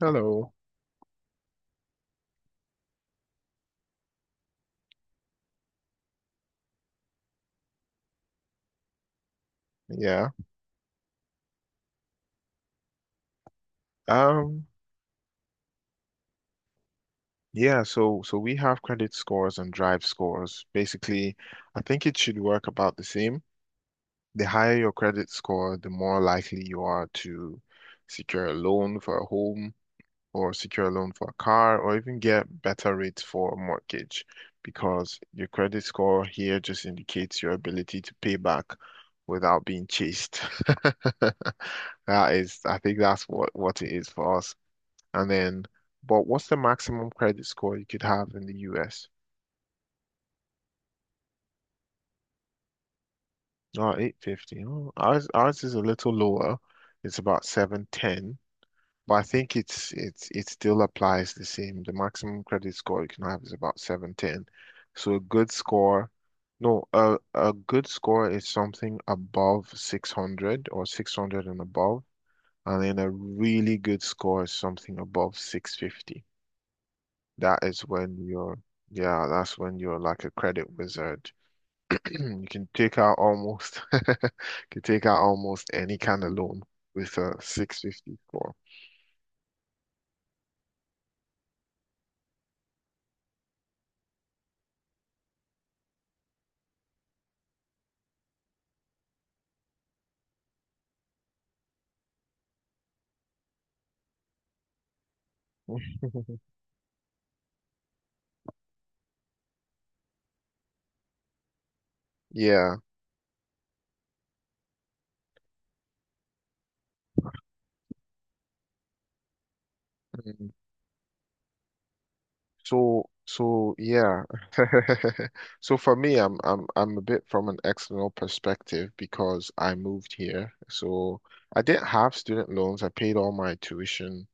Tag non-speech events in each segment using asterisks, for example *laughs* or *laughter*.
Hello. Yeah. Um, yeah, so we have credit scores and drive scores. Basically, I think it should work about the same. The higher your credit score, the more likely you are to secure a loan for a home or secure a loan for a car or even get better rates for a mortgage because your credit score here just indicates your ability to pay back without being chased. *laughs* That is, I think that's what it is for us. And then, but what's the maximum credit score you could have in the US? Oh, 850. Oh, ours is a little lower. It's about 710, but I think it's it still applies the same. The maximum credit score you can have is about 710. So a good score, no, a good score is something above 600 or 600 and above, and then a really good score is something above 650. That is when you're, Yeah, that's when you're like a credit wizard. *clears throat* You can take out almost, *laughs* you can take out almost any kind of loan with a 650 score. *laughs* Yeah. Mm. So yeah. *laughs* So for me, I'm a bit from an external perspective because I moved here. So I didn't have student loans. I paid all my tuition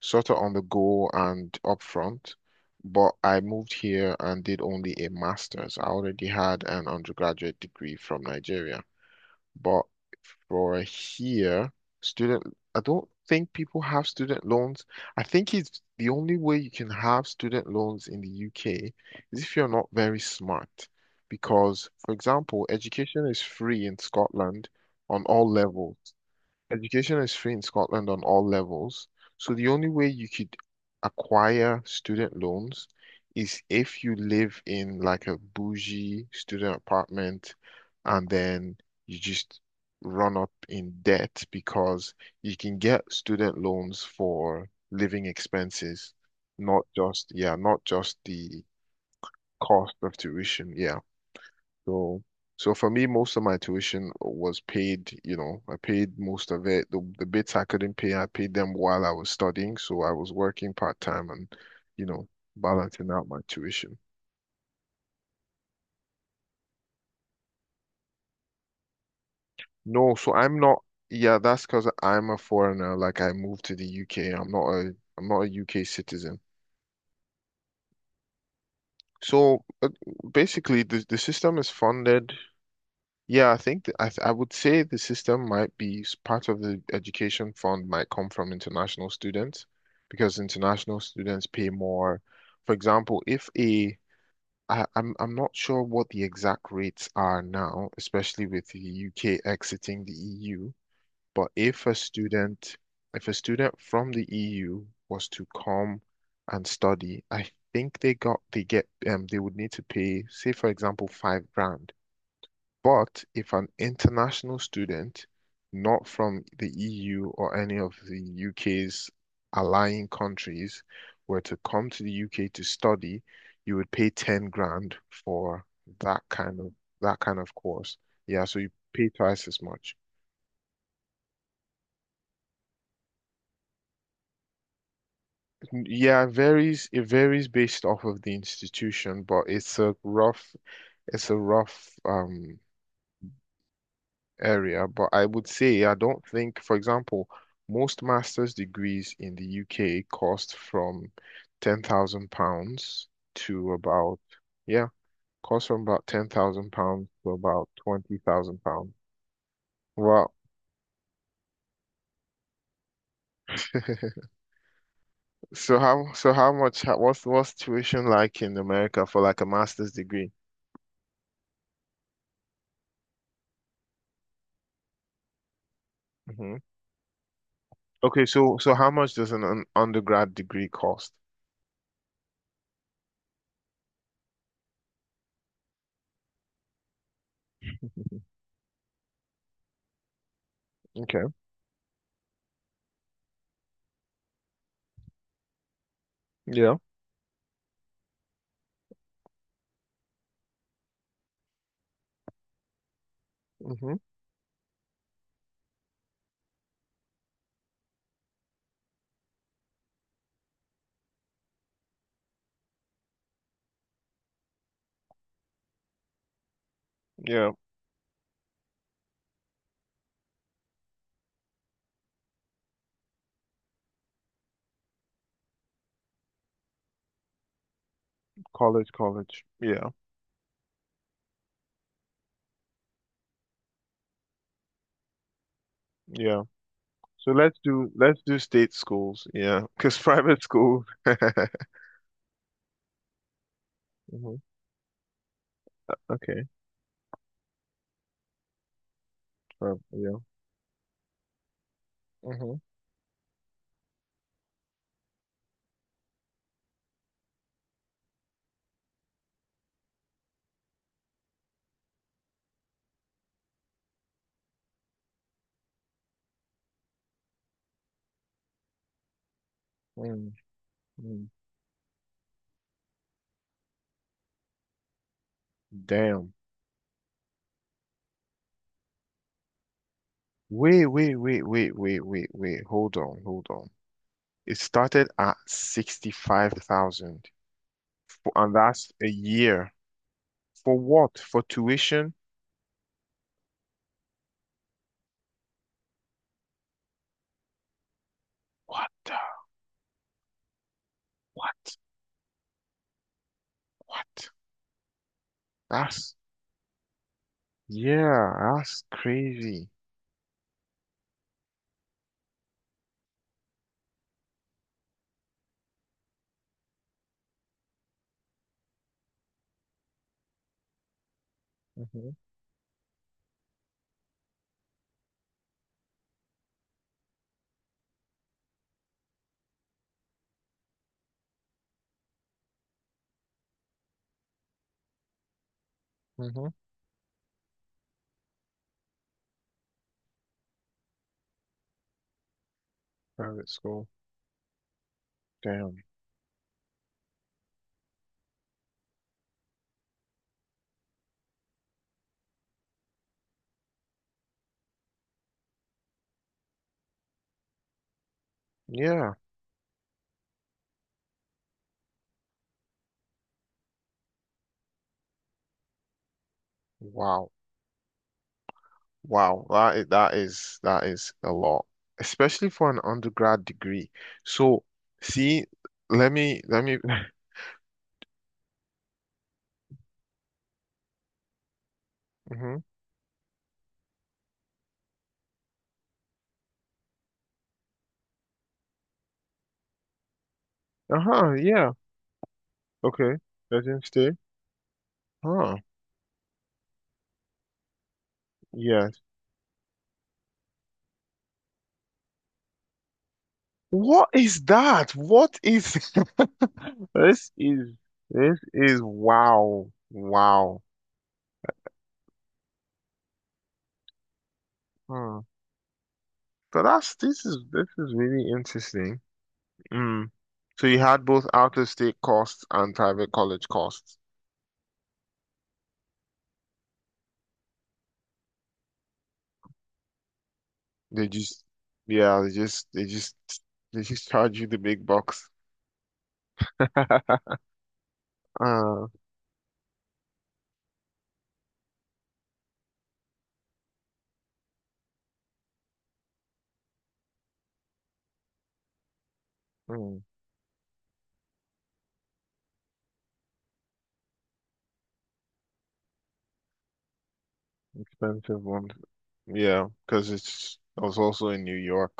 sort of on the go and upfront, but I moved here and did only a master's. I already had an undergraduate degree from Nigeria, but for here, student, I don't think people have student loans. I think it's the only way you can have student loans in the UK is if you're not very smart. Because, for example, education is free in Scotland on all levels. Education is free in Scotland on all levels. So the only way you could acquire student loans is if you live in like a bougie student apartment and then you just run up in debt because you can get student loans for living expenses, not just, yeah, not just the cost of tuition. Yeah. So, So for me, most of my tuition was paid, I paid most of it. The bits I couldn't pay, I paid them while I was studying. So I was working part-time and, you know, balancing out my tuition. No, so I'm not, yeah, that's because I'm a foreigner. Like I moved to the UK. I'm not a UK citizen. So basically the system is funded. Yeah, I think I would say the system might be part of the education fund might come from international students because international students pay more. For example, if a I, I'm not sure what the exact rates are now, especially with the UK exiting the EU, but if a student from the EU was to come and study, I think they get they would need to pay, say for example, 5 grand, but if an international student, not from the EU or any of the UK's allying countries, were to come to the UK to study, you would pay 10 grand for that kind of that kind of course. Yeah, so you pay twice as much. Yeah, it varies. It varies based off of the institution, but it's a rough area, but I would say I don't think, for example, most master's degrees in the UK cost from 10,000 pounds to about, yeah, cost from about 10,000 pounds to about 20,000 pounds. Wow. *laughs* So how much how- what's tuition like in America for like a master's degree? hmm Okay, so how much does an undergrad degree cost? *laughs* Okay. Yeah. Hmm. Yeah. College. Yeah. Yeah. So let's do state schools, yeah, because private schools. *laughs* Mhm. Okay, yeah. Hmm. Mm. Mm. Damn. Wait, wait, wait, wait, wait, wait, wait. Hold on, hold on. It started at 65,000, and that's a year. For what? For tuition? What the, what, what? That's, yeah, that's crazy. hmm hmm Private school. Damn. Yeah. Wow. Wow, that is a lot, especially for an undergrad degree. So, see, let me. *laughs* hmm Uh-huh. Yeah. Okay. Doesn't stay. Huh. Yes. What is that? What is *laughs* this? Is this is wow, wow. Hmm. So that's this is really interesting. Mm. So you had both out-of-state costs and private college costs. They just, yeah, they just charge you the big bucks. *laughs* Uh, mm, expensive ones. Yeah, because I was also in New York.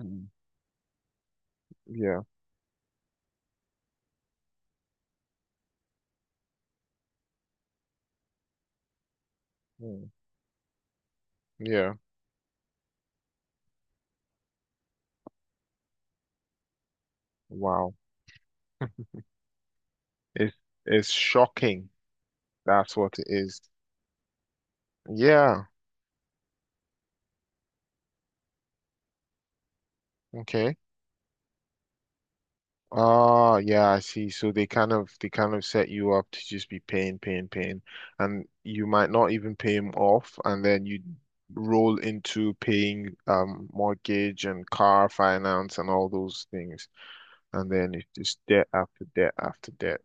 Mm. Yeah, mm, yeah. Wow. It's, it's shocking. That's what it is. Yeah. Okay. Ah, yeah, I see. So they kind of set you up to just be paying, paying, paying, and you might not even pay him off, and then you roll into paying mortgage and car finance and all those things, and then it's just debt after debt after debt.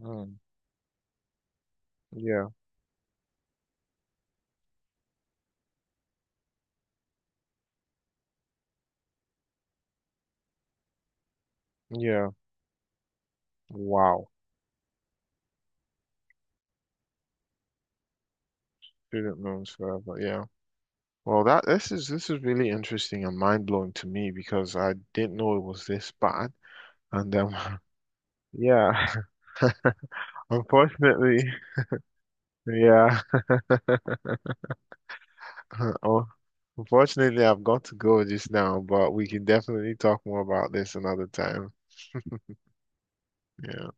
Mm. Yeah, yeah. Wow. Student loans forever. Yeah. Well, that this is really interesting and mind-blowing to me because I didn't know it was this bad, and *laughs* yeah. *laughs* Unfortunately, yeah. *laughs* Oh, unfortunately, I've got to go just now, but we can definitely talk more about this another time. *laughs* Yeah.